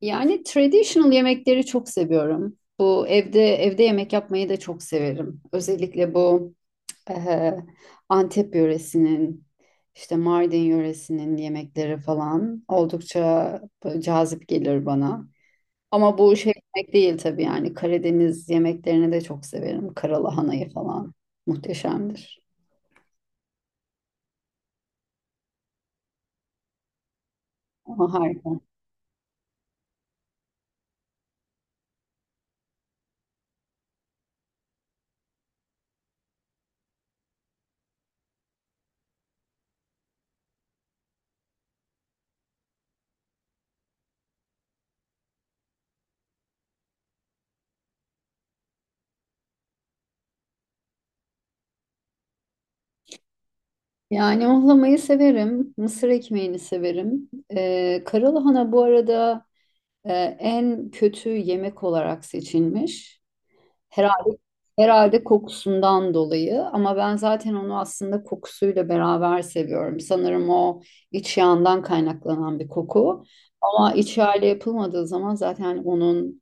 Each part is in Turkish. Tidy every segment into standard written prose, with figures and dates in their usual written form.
Yani traditional yemekleri çok seviyorum. Bu evde yemek yapmayı da çok severim. Özellikle bu eh, Antep yöresinin, işte Mardin yöresinin yemekleri falan oldukça böyle cazip gelir bana. Ama bu şey yemek değil tabii yani Karadeniz yemeklerini de çok severim. Karalahanayı falan muhteşemdir. Ama harika. Yani ohlamayı severim. Mısır ekmeğini severim. Karalahana bu arada e, en kötü yemek olarak seçilmiş. Herhalde herhalde kokusundan dolayı ama ben zaten onu aslında kokusuyla beraber seviyorum. Sanırım o iç yağından kaynaklanan bir koku. Ama iç yağıyla yapılmadığı zaman zaten onun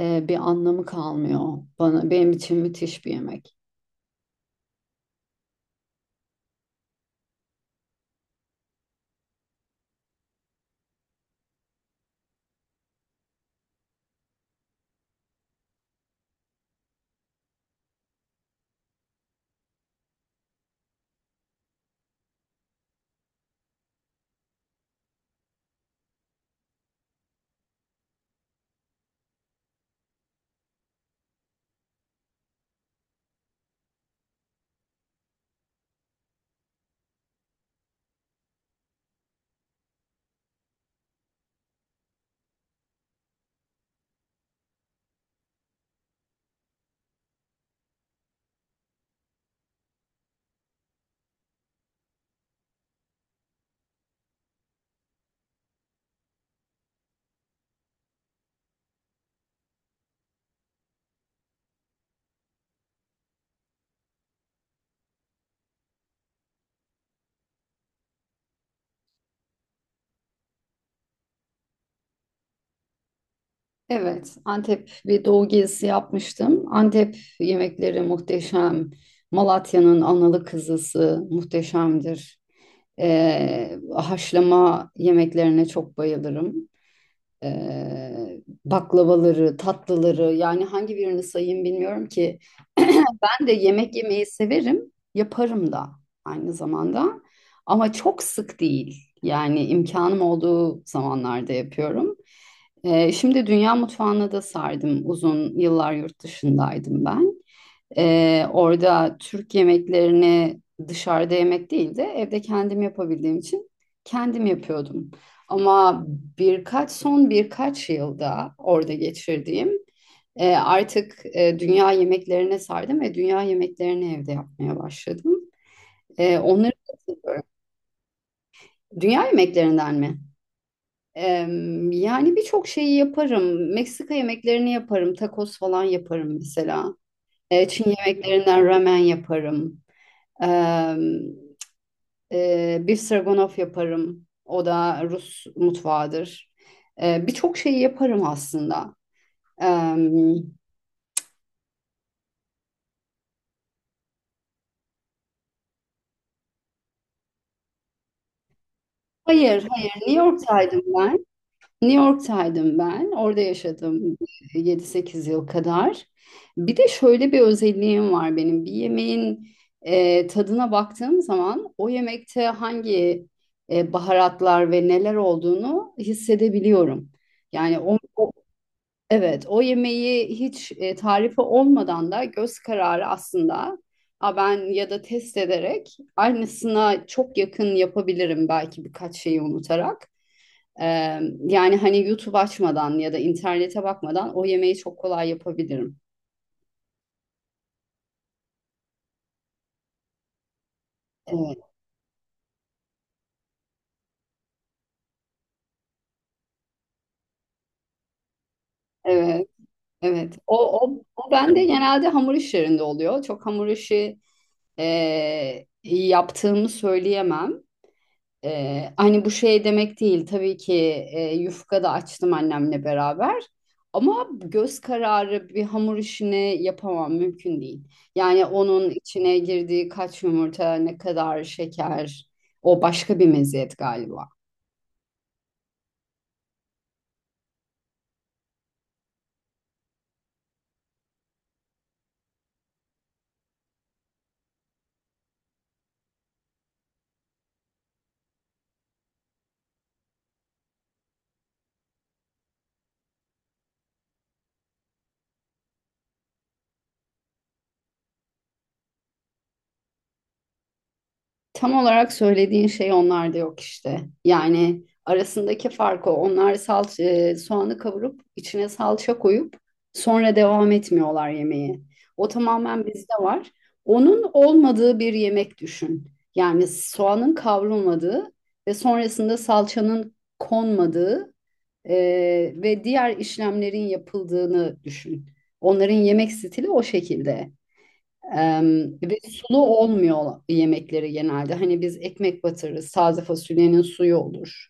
bir anlamı kalmıyor bana. Benim için müthiş bir yemek. Evet, Antep bir doğu gezisi yapmıştım. Antep yemekleri muhteşem. Malatya'nın analı kızısı muhteşemdir. Haşlama yemeklerine çok bayılırım. Ee, Baklavaları, tatlıları yani hangi birini sayayım bilmiyorum ki. Ben de yemek yemeyi severim, yaparım da aynı zamanda. Ama çok sık değil. Yani imkanım olduğu zamanlarda yapıyorum. Şimdi dünya mutfağına da sardım. Uzun yıllar yurt dışındaydım ben. Orada Türk yemeklerini dışarıda yemek değil de evde kendim yapabildiğim için kendim yapıyordum. Ama son birkaç yılda orada geçirdiğim artık dünya yemeklerine sardım ve dünya yemeklerini evde yapmaya başladım. Onları da. Dünya yemeklerinden mi? Yani birçok şeyi yaparım. Meksika yemeklerini yaparım. Tacos falan yaparım mesela. Çin yemeklerinden ramen yaparım. Ee, Bir stroganoff yaparım. O da Rus mutfağıdır. Birçok şeyi yaparım aslında. Ee, hayır, hayır. New York'taydım ben. New York'taydım ben. Orada yaşadım 7-8 yıl kadar. Bir de şöyle bir özelliğim var benim. Bir yemeğin tadına baktığım zaman o yemekte hangi baharatlar ve neler olduğunu hissedebiliyorum. Yani o. Evet, o yemeği hiç tarifi olmadan da göz kararı aslında, "Aa, ben ya da test ederek aynısına çok yakın yapabilirim belki birkaç şeyi unutarak." Ee, Yani hani YouTube açmadan ya da internete bakmadan o yemeği çok kolay yapabilirim. Evet, evet, evet. O bende genelde hamur işlerinde oluyor. Çok hamur işi yaptığımı söyleyemem. Hani bu şey demek değil tabii ki yufka da açtım annemle beraber ama göz kararı bir hamur işini yapamam mümkün değil. Yani onun içine girdiği kaç yumurta ne kadar şeker, o başka bir meziyet galiba. Tam olarak söylediğin şey onlarda yok işte. Yani arasındaki fark o. Onlar salça, soğanı kavurup içine salça koyup sonra devam etmiyorlar yemeğe. O tamamen bizde var. Onun olmadığı bir yemek düşün. Yani soğanın kavrulmadığı ve sonrasında salçanın konmadığı e, ve diğer işlemlerin yapıldığını düşün. Onların yemek stili o şekilde. Ee, ve sulu olmuyor yemekleri genelde. Hani biz ekmek batırırız, taze fasulyenin suyu olur.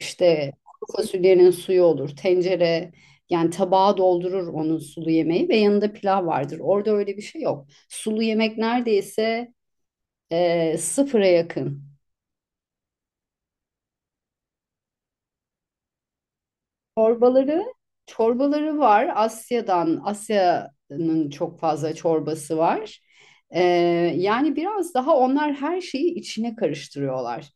İşte kuru fasulyenin suyu olur. Tencere yani tabağa doldurur onun sulu yemeği ve yanında pilav vardır. Orada öyle bir şey yok. Sulu yemek neredeyse sıfıra yakın. Çorbaları, çorbaları var. Asya'nın çok fazla çorbası var. Ee, yani biraz daha onlar her şeyi içine karıştırıyorlar.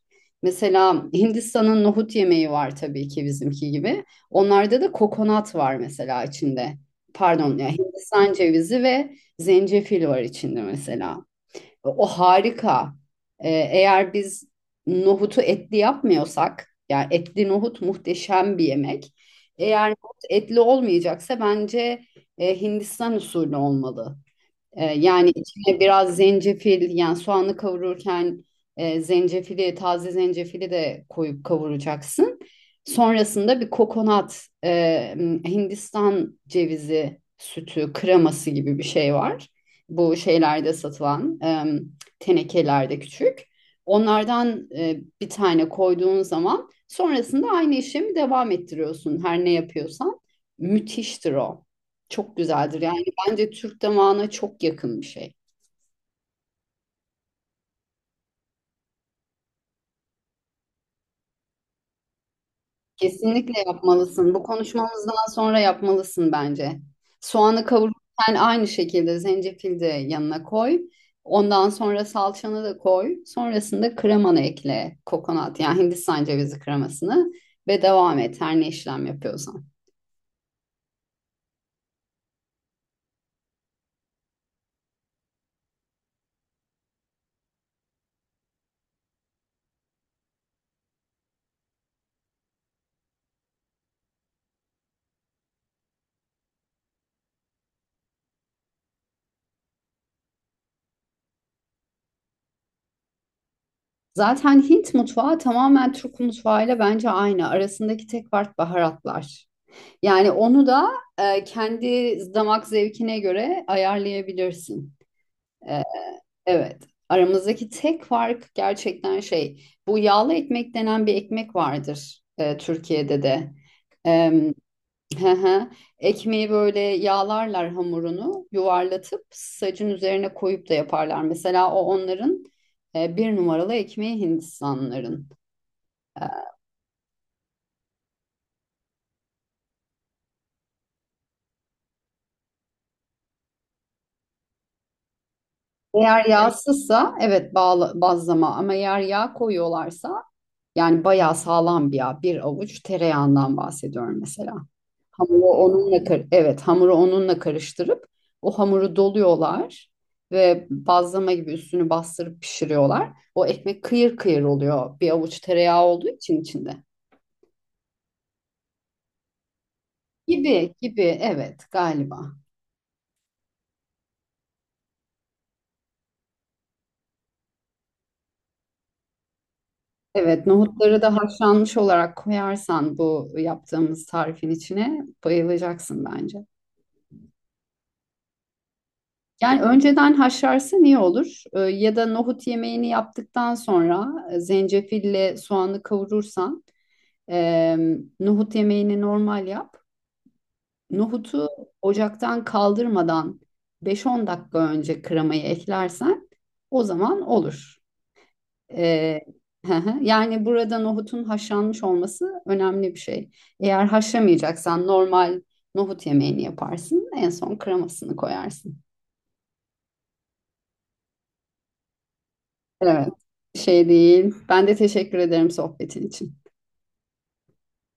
Mesela Hindistan'ın nohut yemeği var tabii ki bizimki gibi. Onlarda da kokonat var mesela içinde. Pardon ya, Hindistan cevizi ve zencefil var içinde mesela. O harika. Eğer biz nohutu etli yapmıyorsak, yani etli nohut muhteşem bir yemek. Eğer nohut etli olmayacaksa bence Hindistan usulü olmalı. Yani içine biraz zencefil, yani soğanı kavururken e, zencefili taze zencefili de koyup kavuracaksın. Sonrasında bir kokonat, Hindistan cevizi sütü kreması gibi bir şey var. Bu şeylerde satılan tenekelerde küçük. Onlardan bir tane koyduğun zaman sonrasında aynı işlemi devam ettiriyorsun her ne yapıyorsan. Müthiştir o. Çok güzeldir yani. Bence Türk damağına çok yakın bir şey. Kesinlikle yapmalısın. Bu konuşmamızdan sonra yapmalısın bence. Soğanı kavururken aynı şekilde zencefil de yanına koy. Ondan sonra salçanı da koy. Sonrasında kremanı ekle. Kokonat, yani Hindistan cevizi kremasını ve devam et her ne işlem yapıyorsan. Zaten Hint mutfağı tamamen Türk mutfağıyla bence aynı. Arasındaki tek fark baharatlar. Yani onu da kendi damak zevkine göre ayarlayabilirsin. E, Evet. Aramızdaki tek fark gerçekten şey. Bu yağlı ekmek denen bir ekmek vardır Türkiye'de de. E, hı hı. Ekmeği böyle yağlarlar, hamurunu yuvarlatıp sacın üzerine koyup da yaparlar. Mesela o onların bir numaralı ekmeği Hindistanlıların. E, Eğer yağsızsa evet bağla, bazlama, ama eğer yağ koyuyorlarsa yani bayağı sağlam bir yağ. Bir avuç tereyağından bahsediyorum mesela. Evet, hamuru onunla karıştırıp o hamuru doluyorlar ve bazlama gibi üstünü bastırıp pişiriyorlar. O ekmek kıyır kıyır oluyor bir avuç tereyağı olduğu için içinde. Gibi gibi evet, galiba. Evet, nohutları da haşlanmış olarak koyarsan bu yaptığımız tarifin içine bayılacaksın bence. Yani önceden haşlarsın, iyi olur. Ya da nohut yemeğini yaptıktan sonra zencefille soğanı kavurursan. Ee, Nohut yemeğini normal yap. Nohutu ocaktan kaldırmadan 5-10 dakika önce kremayı eklersen o zaman olur. Ee, hı hı. Yani burada nohutun haşlanmış olması önemli bir şey. Eğer haşlamayacaksan normal nohut yemeğini yaparsın. En son kremasını koyarsın. Evet, şey değil. Ben de teşekkür ederim sohbetin için.